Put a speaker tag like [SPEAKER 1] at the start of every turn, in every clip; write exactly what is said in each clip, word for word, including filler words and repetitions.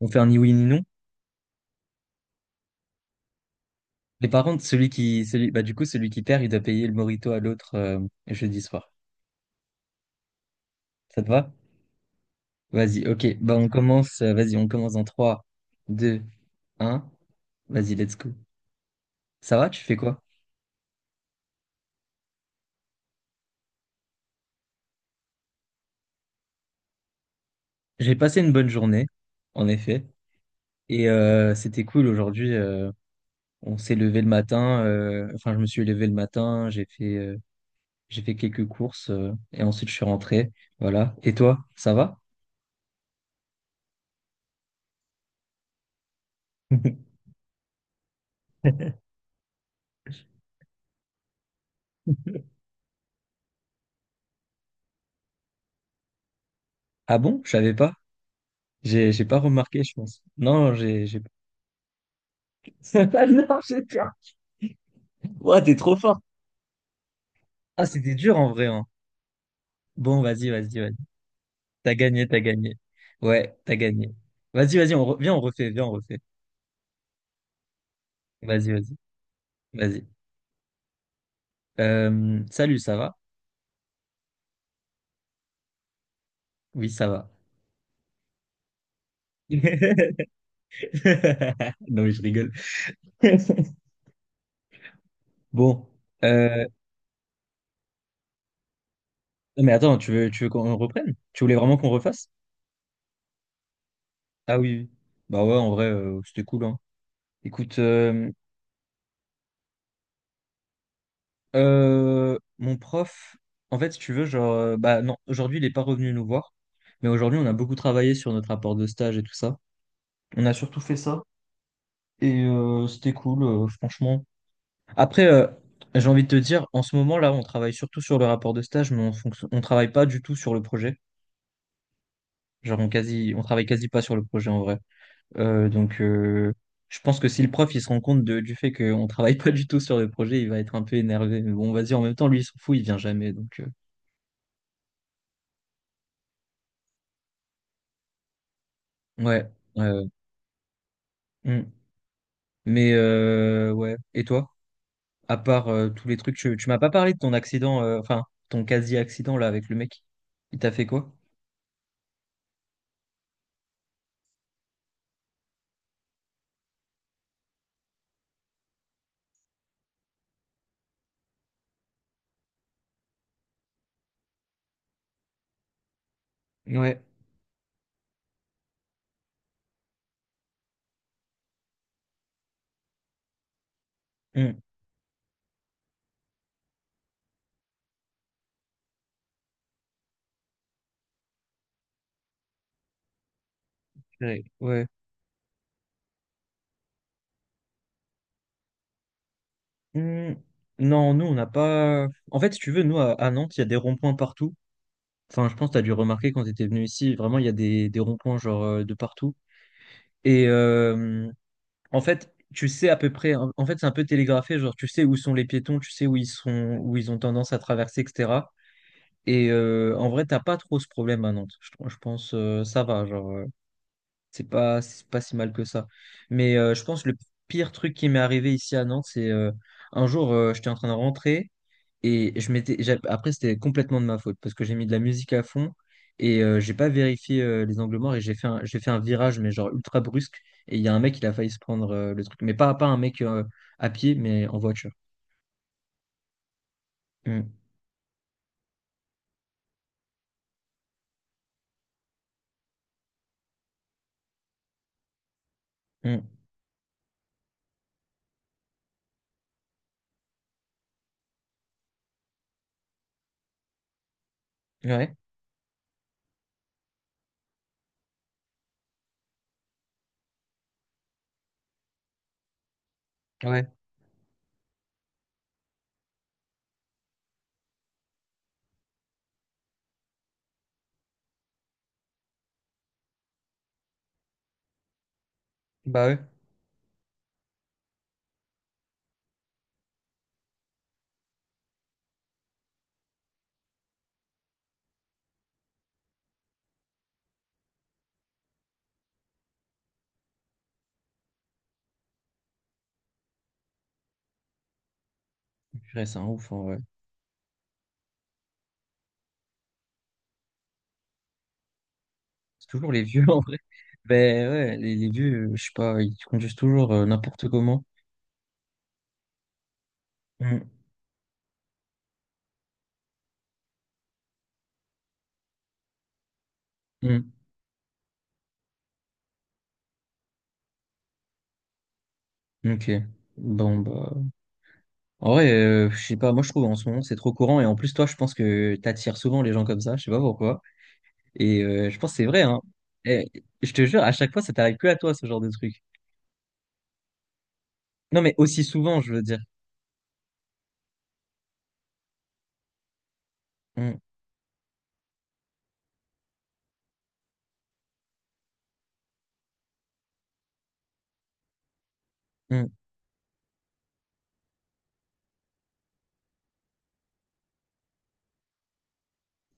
[SPEAKER 1] On fait un ni oui ni non. Mais par contre, celui qui, celui, bah, du coup, celui qui perd, il doit payer le morito à l'autre euh, jeudi soir. Ça te va? Vas-y, ok. Bah, on commence, euh, vas-y, on commence en trois, deux, un. Vas-y, let's go. Ça va, tu fais quoi? J'ai passé une bonne journée, en effet. Et euh, c'était cool aujourd'hui. Euh, on s'est levé le matin. Euh, enfin, Je me suis levé le matin. J'ai fait, euh, j'ai fait quelques courses. Euh, et ensuite, je suis rentré. Voilà. Et toi, ça va? Ah bon? Je savais pas. J'ai j'ai pas remarqué, je pense. Non, j'ai j'ai ah non, j'ai peur. Ouah, t'es trop fort. Ah, c'était dur en vrai, hein. Bon, vas-y, vas-y, vas-y. T'as gagné, t'as gagné. Ouais, t'as gagné. Vas-y, vas-y, on re- viens, on refait, viens, on refait. Vas-y, vas-y, vas-y. Euh, salut, ça va? Oui, ça va. Non, mais je rigole. Bon, euh, non, mais attends, tu veux, tu veux qu'on reprenne? Tu voulais vraiment qu'on refasse? Ah oui, oui. Bah ouais, en vrai, euh, c'était cool, hein. Écoute, euh, Euh, mon prof, en fait, si tu veux, genre, euh, bah non, aujourd'hui, il n'est pas revenu nous voir, mais aujourd'hui, on a beaucoup travaillé sur notre rapport de stage et tout ça. On a surtout fait ça et euh, c'était cool, euh, franchement. Après, euh, j'ai envie de te dire, en ce moment, là, on travaille surtout sur le rapport de stage, mais on fonc- on travaille pas du tout sur le projet. Genre, on quasi, on travaille quasi pas sur le projet en vrai. Euh, donc, euh, je pense que si le prof, il se rend compte de- du fait qu'on travaille pas du tout sur le projet, il va être un peu énervé. Mais bon, vas-y, en même temps, lui, il s'en fout, il vient jamais, donc. euh, Ouais, ouais, ouais. Mm. Mais euh, ouais. Et toi? À part euh, tous les trucs, tu, tu m'as pas parlé de ton accident, euh, enfin ton quasi-accident là avec le mec. Il t'a fait quoi? Ouais, mm. Ouais. Ouais. Hmm, non, nous, on n'a pas. En fait, si tu veux, nous, à, à Nantes, il y a des ronds-points partout. Enfin, je pense que tu dû remarquer quand tu étais venu ici, vraiment, il y a des, des ronds-points, genre, euh, de partout. Et euh, en fait, tu sais à peu près. En en fait, c'est un peu télégraphé, genre, tu sais où sont les piétons, tu sais où ils sont, où ils ont tendance à traverser, et cetera. Et euh, en vrai, t'as pas trop ce problème à Nantes. Je, tr- je pense euh, ça va, genre euh, c'est pas c'est pas si mal que ça. Mais euh, je pense le pire truc qui m'est arrivé ici à Nantes, c'est euh, un jour euh, j'étais en train de rentrer et je m'étais j'a- après c'était complètement de ma faute parce que j'ai mis de la musique à fond et euh, j'ai pas vérifié euh, les angles morts et j'ai fait un, j'ai fait un virage mais genre ultra brusque et il y a un mec il a failli se prendre euh, le truc mais pas pas un mec euh, à pied mais en voiture. Mm, mm. Ouais, ouais, bah ouais, purée, c'est un ouf en vrai. C'est toujours les vieux en vrai. Ben ouais, les, les vieux, euh, je sais pas, ils conduisent toujours euh, n'importe comment. Mm. Mm. Ok. Bon bah. En vrai, euh, je sais pas, moi je trouve en ce moment c'est trop courant et en plus toi je pense que t'attires souvent les gens comme ça, je sais pas pourquoi. Et euh, je pense que c'est vrai, hein. Et je te jure, à chaque fois ça t'arrive que à toi ce genre de truc. Non mais aussi souvent, je veux dire. Mm. Mm.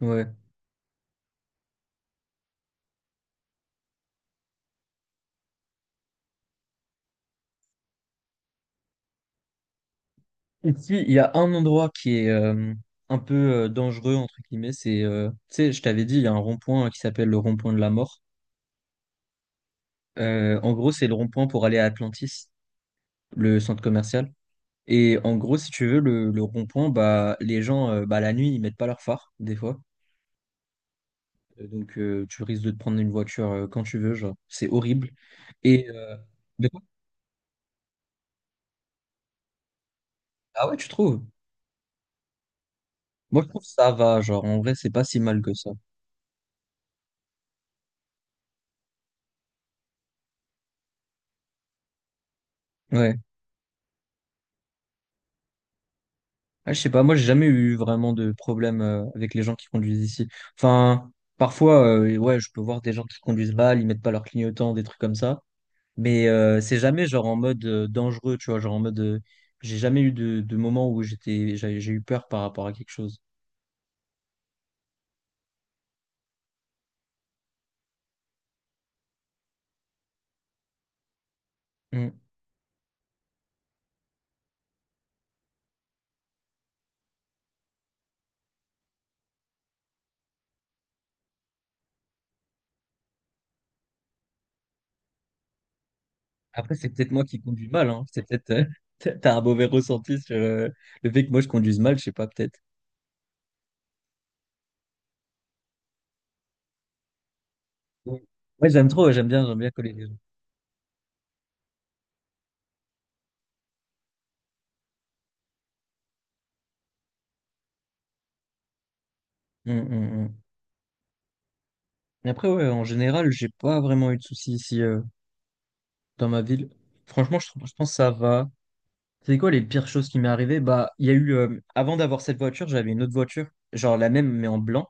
[SPEAKER 1] Ouais. Ici, il y a un endroit qui est euh, un peu euh, dangereux entre guillemets, c'est euh, tu sais, je t'avais dit, il y a un rond-point qui s'appelle le rond-point de la mort. Euh, en gros, c'est le rond-point pour aller à Atlantis, le centre commercial. Et en gros, si tu veux, le, le rond-point, bah, les gens, euh, bah, la nuit, ils mettent pas leur phare, des fois. Euh, Donc, euh, tu risques de te prendre une voiture euh, quand tu veux, genre. C'est horrible. Et, euh, de quoi ah ouais, tu trouves? Moi, je trouve que ça va, genre. En vrai, c'est pas si mal que ça. Ouais. Ah, je sais pas, moi, j'ai jamais eu vraiment de problème euh, avec les gens qui conduisent ici. Enfin, parfois, euh, ouais, je peux voir des gens qui conduisent mal, ils mettent pas leur clignotant, des trucs comme ça. Mais euh, c'est jamais genre en mode euh, dangereux, tu vois, genre en mode euh, j'ai jamais eu de, de moment où j'étais j'ai j'ai eu peur par rapport à quelque chose. Mm. Après, c'est peut-être moi qui conduis mal, hein. C'est peut-être euh, t'as t'as un mauvais ressenti sur euh, le fait que moi je conduise mal, je sais pas, peut-être. Ouais, ouais, j'aime trop, ouais, j'aime bien, j'aime bien coller les gens. Mm, mm, mm. Et après, ouais, en général, j'ai pas vraiment eu de soucis ici euh, dans ma ville. Franchement, je, trouve- je pense que ça va. C'est quoi les pires choses qui m'est arrivé? Bah, il y a eu euh, avant d'avoir cette voiture, j'avais une autre voiture, genre la même mais en blanc.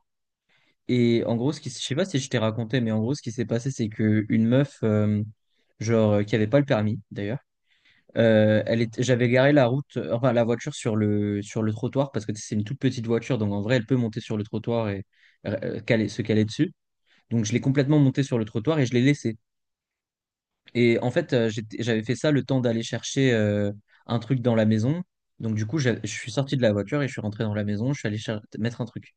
[SPEAKER 1] Et en gros, ce qui, s- je sais pas si je t'ai raconté, mais en gros, ce qui s'est passé, c'est que une meuf, euh, genre, euh, qui avait pas le permis d'ailleurs, euh, elle était, j'avais garé la route, euh, enfin la voiture sur le sur le trottoir parce que c'est une toute petite voiture, donc en vrai, elle peut monter sur le trottoir et euh, caler, se caler dessus. Donc je l'ai complètement montée sur le trottoir et je l'ai laissée. Et en fait, euh, j'étais- j'avais fait ça le temps d'aller chercher euh, un truc dans la maison. Donc du coup, j'a- je suis sorti de la voiture et je suis rentré dans la maison. Je suis allé cher- Mettre un truc.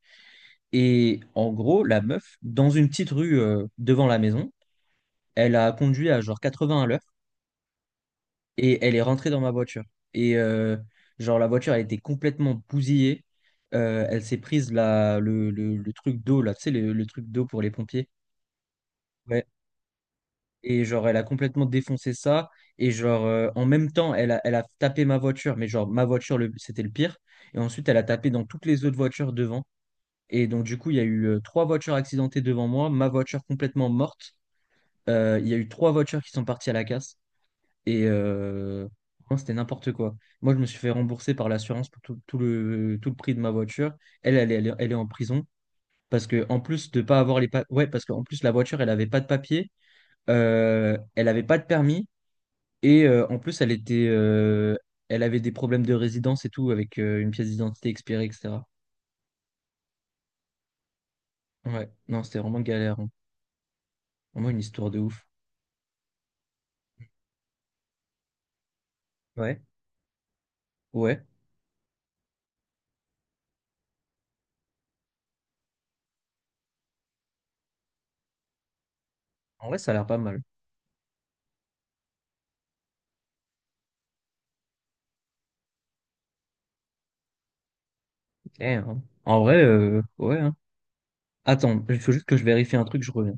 [SPEAKER 1] Et en gros, la meuf, dans une petite rue euh, devant la maison, elle a conduit à genre quatre-vingts à l'heure et elle est rentrée dans ma voiture. Et euh, genre, la voiture, elle était complètement bousillée. Euh, elle s'est prise la, le, le- le truc d'eau, là, tu sais, le, le truc d'eau pour les pompiers. Ouais. Et genre, elle a complètement défoncé ça. Et genre, euh, en même temps, elle a, elle a tapé ma voiture, mais genre, ma voiture, le- c'était le pire. Et ensuite, elle a tapé dans toutes les autres voitures devant. Et donc, du coup, il y a eu euh, trois voitures accidentées devant moi, ma voiture complètement morte. Euh, Il y a eu trois voitures qui sont parties à la casse et euh, franchement, c'était n'importe quoi. Moi, je me suis fait rembourser par l'assurance pour tout, tout le, tout le prix de ma voiture. Elle, elle, est- elle, est elle est en prison parce que en plus de pas avoir les pa- ouais, parce qu'en plus la voiture, elle avait pas de papier, euh, elle avait pas de permis et euh, en plus elle était, euh, elle avait des problèmes de résidence et tout avec euh, une pièce d'identité expirée, et cetera. Ouais, non, c'était vraiment galère. Hein. Vraiment une histoire de ouf. Ouais, ouais. En vrai, ça a l'air pas mal. Eh, hein. En vrai, euh, ouais. Hein. Attends, il faut juste que je vérifie un truc, je reviens.